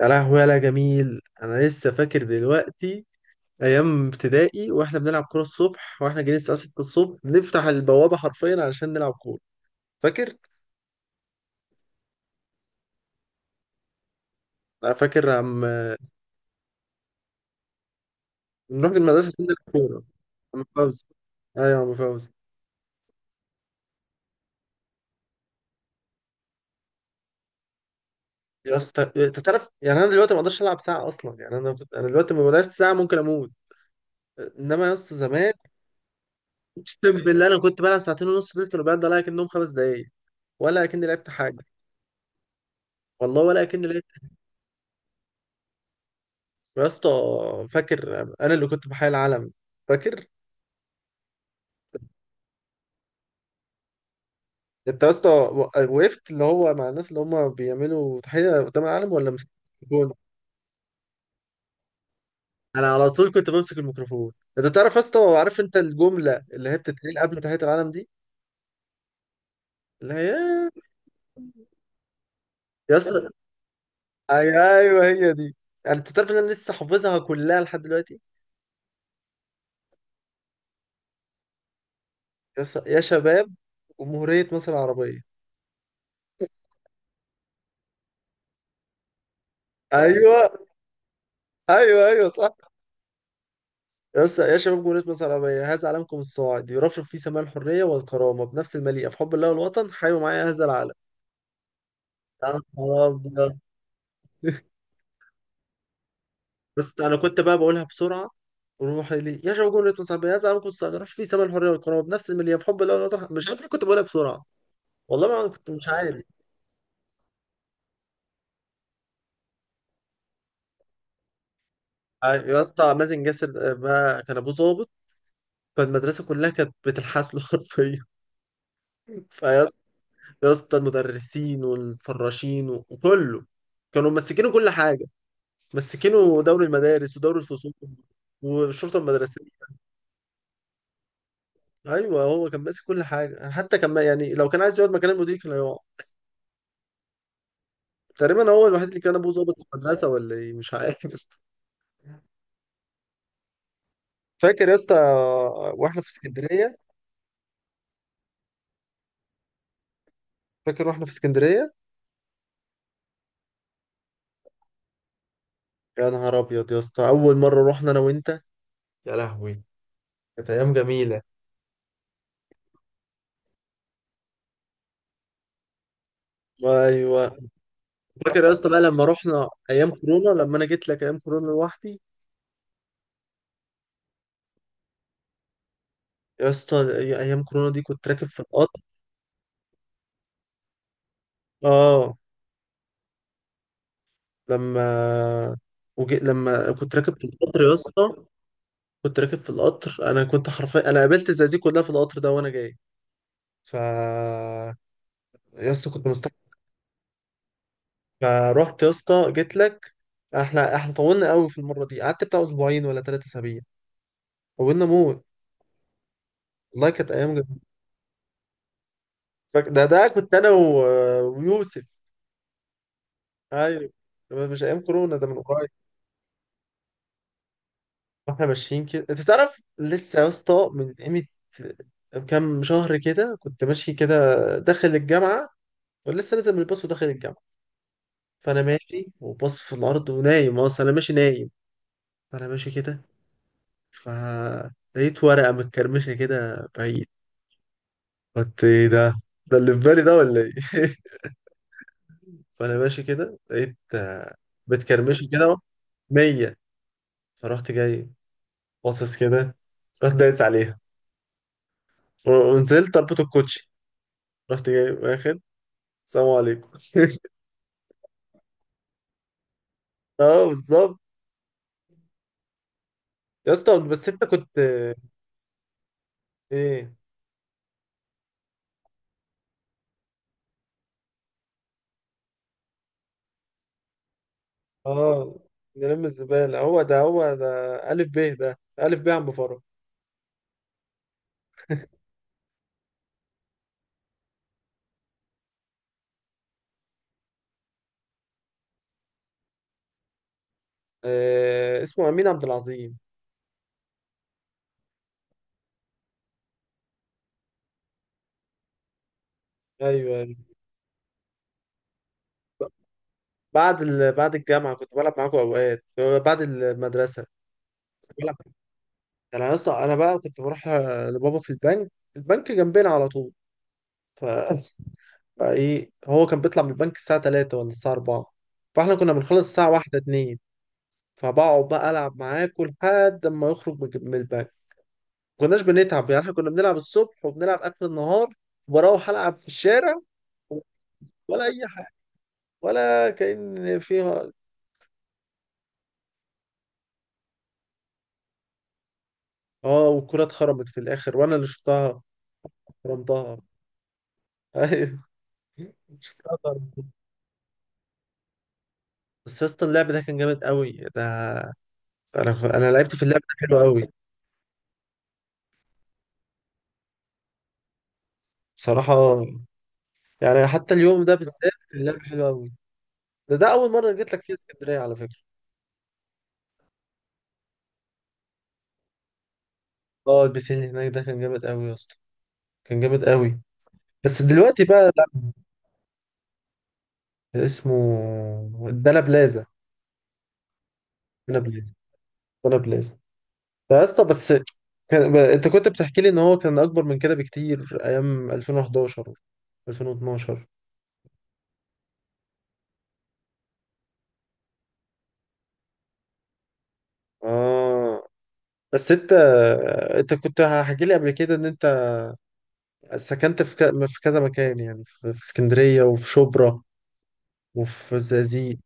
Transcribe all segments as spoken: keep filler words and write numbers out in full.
يا لهوي يا لا جميل، انا لسه فاكر دلوقتي ايام ابتدائي واحنا بنلعب كوره الصبح، واحنا جايين الساعه ستة الصبح نفتح البوابه حرفيا علشان نلعب كوره. فاكر؟ لا فاكر عم، نروح المدرسه عشان نلعب كوره. عم فوزي. ايوه يا عم فوزي. يا اسطى انت تعرف يعني انا دلوقتي ما اقدرش العب ساعه اصلا، يعني انا انا دلوقتي ما بلعبش ساعه ممكن اموت. انما يا اسطى زمان، اقسم بالله انا كنت بلعب ساعتين ونص، دول كانوا بيعدوا عليا كانهم خمس دقايق، ولا اكني لعبت حاجه. والله ولا اكني لعبت. يا اسطى فاكر انا اللي كنت بحيي العلم؟ فاكر؟ انت يا اسطى و- وقفت اللي هو مع الناس اللي هم بيعملوا تحيه قدام العلم ولا مسكت الجون. انا على طول كنت بمسك الميكروفون. انت تعرف يا اسطى؟ عارف انت الجمله اللي هي بتتقال قبل تحيه العلم دي؟ اللي هي. يا اسطى. أي- ايوه هي دي. يعني انت تعرف ان انا لسه حافظها كلها لحد دلوقتي. يا اسطى- يا شباب جمهوريه مصر العربيه. ايوه، ايوه، ايوه صح. يا اسطى: يا شباب جمهورية مصر العربية، هذا علمكم الصاعد يرفرف فيه سماع الحرية والكرامة بنفس المليئة في حب الله والوطن، حيوا معايا هذا العلم. يا نهار أبيض. بس أنا كنت بقى بقولها بسرعة: وروح لي يا شباب جمهورية مصر العربية هذا علمكم الصاعد يرفرف فيه سماع الحرية والكرامة بنفس المليئة في حب الله والوطن. مش عارف ليه كنت بقولها بسرعة. والله ما أنا كنت مش عارف. آه، يا اسطى مازن جاسر، آه، بقى كان ابوه ظابط، فالمدرسة كلها كانت بتلحس له حرفيا. فيا اسطى، يا اسطى المدرسين والفراشين وكله كانوا ممسكين كل حاجة. مسكينه دوري المدارس ودوري الفصول والشرطه المدرسيه. ايوه هو كان ماسك كل حاجه، حتى كان ما- يعني لو كان عايز يقعد مكان المدير كان هيقعد. تقريبا هو الوحيد اللي كان ابوه ظابط في المدرسه ولا ايه مش عارف. فاكر يا اسطى واحنا في اسكندريه؟ فاكر واحنا في اسكندريه؟ يا نهار ابيض يا اسطى، اول مره رحنا انا وانت. يا لهوي كانت ايام جميله. ايوه. فاكر يا اسطى بقى لما رحنا ايام كورونا، لما انا جيت لك ايام كورونا لوحدي؟ يا اسطى ايام كورونا دي كنت راكب في القطر. اه. لما وجي... لما كنت راكب في القطر يا اسطى، كنت راكب في القطر، انا كنت حرفيا انا قابلت الزقازيق كلها في القطر ده وانا جاي. ف، يا اسطى كنت مستحمل. فروحت يا اسطى جيت لك. احنا احنا طولنا قوي في المره دي، قعدت بتاع اسبوعين ولا ثلاثة اسابيع. طولنا موت. والله كانت ايام جميله. فك- ده ده كنت انا و... ويوسف. ايوه. ده مش ايام كورونا، ده من قريب. واحنا ماشيين كده، انت تعرف لسه يا اسطى من قيمة كام شهر كده، كنت ماشي كده داخل الجامعة، ولسه نازل من الباص وداخل الجامعة. فانا ماشي وباص في الارض، ونايم اصلا انا ماشي نايم. فانا ماشي كده، فلقيت ورقة متكرمشة كده بعيد. قلت ايه ده؟ ده اللي في بالي ده ولا ايه؟ فانا ماشي كده لقيت آه، متكرمشة كده. مية. فرحت جاي، باصص كده، رحت دايس عليها، ونزلت اربط الكوتشي، رحت جاي واخد. السلام عليكم. اه بالظبط. يا اسطى بس انت كنت ايه. اه نلم الزبالة، هو ده هو ده. ألف ب ده، ألف ب عم فرج. آه اسمه أمين عبد العظيم. ايوه ايوه. بعد ال... بعد الجامعه كنت بلعب معاكم اوقات، آه، بعد المدرسه كنت بلعب. انا يا اسطى انا بقى كنت بروح آه، لبابا في البنك، البنك جنبنا على طول. ف، فايه، هو كان بيطلع من البنك الساعه ثلاثة ولا الساعه أربعة، فاحنا كنا بنخلص الساعه واحدة، اتنين. فبقعد بقى العب معاه كل لحد ما يخرج من من البنك. ما كناش بنتعب يعني، احنا كنا بنلعب الصبح وبنلعب اخر النهار، وبروح العب في الشارع، ولا اي حاجه، ولا كأن فيها. اه والكرة اتخرمت في الاخر وانا اللي شطها. خرمتها. ايوه شطها خرمت. بس يا اسطى اللعب ده كان جامد قوي ده. انا، انا لعبت في اللعب ده حلو قوي بصراحه. يعني حتى اليوم ده بالذات كان اللعب حلو قوي. ده ده اول مره جيت لك فيها اسكندريه على فكره. اه البسين اللي هناك ده كان جامد قوي يا اسطى، كان جامد قوي. بس دلوقتي بقى لا. اسمه دانا بلازا. دانا بلازا. دانا بلازا. يا اسطى بس كان... ب- انت كنت بتحكي لي ان هو كان اكبر من كده بكتير، ايام ألفين وحداشر، ألفين واتناشر. اه بس انت انت كنت هحكي لي قبل كده ان انت سكنت في ك... في كذا مكان يعني، في... في اسكندرية، وفي شبرا، وفي الزقازيق.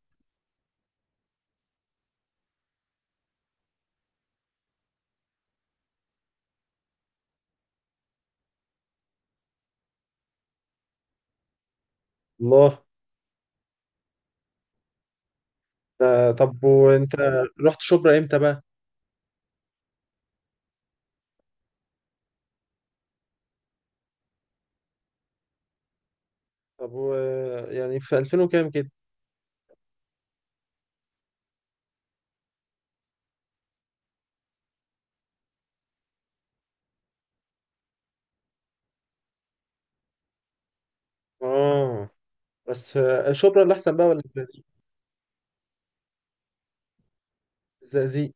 الله. ده... طب وانت رحت شبرا امتى بقى؟ طب و... يعني في ألفين وكام كده؟ اه. بس آه، شبرا اللي احسن بقى ولا الزقازيق؟ الزقازيق.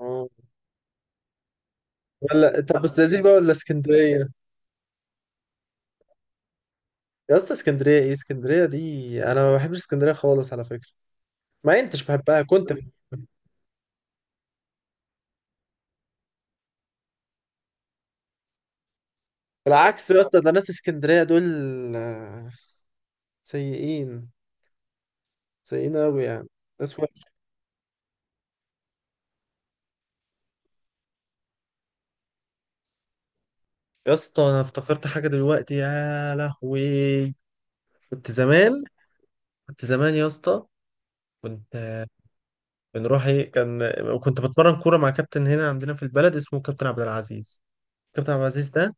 اه. ولا طب الزقازيق بقى ولا اسكندريه؟ يا اسطى اسكندريه؟ ايه اسكندريه دي، انا ما بحبش اسكندريه خالص على فكره. ما انتش بحبها كنت. بالعكس يا اسطى، ده ناس اسكندريه دول آه، سيئين، سيئين قوي يعني، ناس وحشة. يا اسطى انا افتكرت حاجه دلوقتي، يا لهوي. كنت زمان، كنت زمان يا اسطى، كنت آه، بنروح ايه كان، كنت بتمرن كوره مع كابتن هنا عندنا في البلد اسمه كابتن عبد العزيز. كابتن عبد العزيز ده،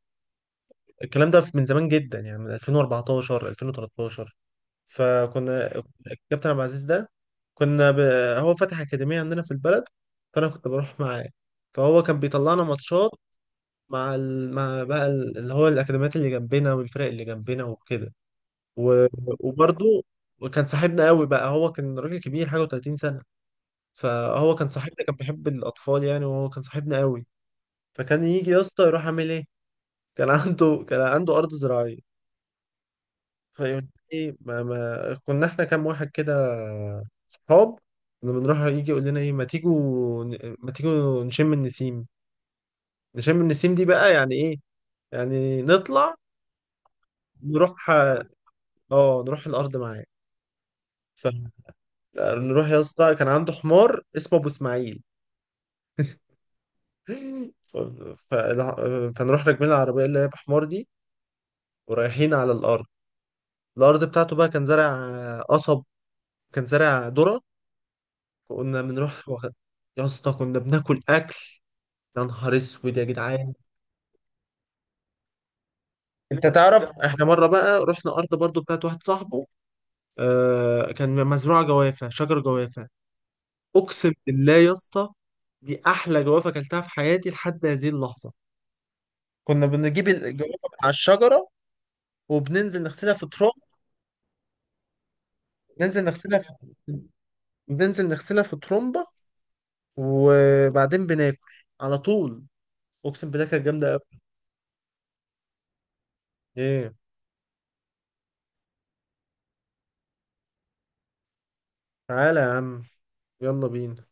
الكلام ده من زمان جدا، يعني من ألفين وأربعة عشر، ألفين وثلاثة عشر. فكنا، الكابتن عبد العزيز ده كنا ب... هو فتح أكاديمية عندنا في البلد، فأنا كنت بروح معاه، فهو كان بيطلعنا ماتشات مع ال... مع بقى ال- اللي هو الأكاديميات اللي جنبنا والفرق اللي جنبنا وكده. و... وبرضه، وكان صاحبنا قوي بقى، هو كان راجل كبير حاجة و30 سنة. فهو كان صاحبنا، كان بيحب الأطفال يعني، وهو كان صاحبنا قوي. فكان يجي يا اسطى يروح عامل إيه، كان عنده كان عنده أرض زراعية. فيقول لي، ما ما كنا احنا كام واحد كده، صحاب، كنا بنروح، يجي يقول لنا ايه، ما تيجوا، ما تيجوا نشم النسيم. نشم النسيم دي بقى يعني ايه، يعني نطلع نروح. اه نروح الارض معاه. فنروح يا اسطى، كان عنده حمار اسمه ابو اسماعيل. ف... ف... فنروح راكبين العربيه اللي هي بحمار دي، ورايحين على الارض. الارض بتاعته بقى كان زارع قصب، كان زارع ذره. كنا بنروح واخد. يا اسطى كنا بناكل اكل، يا نهار اسود يا جدعان. انت تعرف احنا مره بقى رحنا ارض برضو بتاعت واحد صاحبه، آه كان مزروعه جوافه، شجر جوافه. اقسم بالله يا اسطى، دي احلى جوافه اكلتها في حياتي لحد هذه اللحظه. كنا بنجيب الجوافه من على الشجره، وبننزل نغسلها في ترمب، ننزل نغسلها في، بننزل نغسلها في ترمبه، وبعدين بناكل على طول. اقسم بالله كانت جامده قوي. ايه. تعالى يا عم، يلا بينا.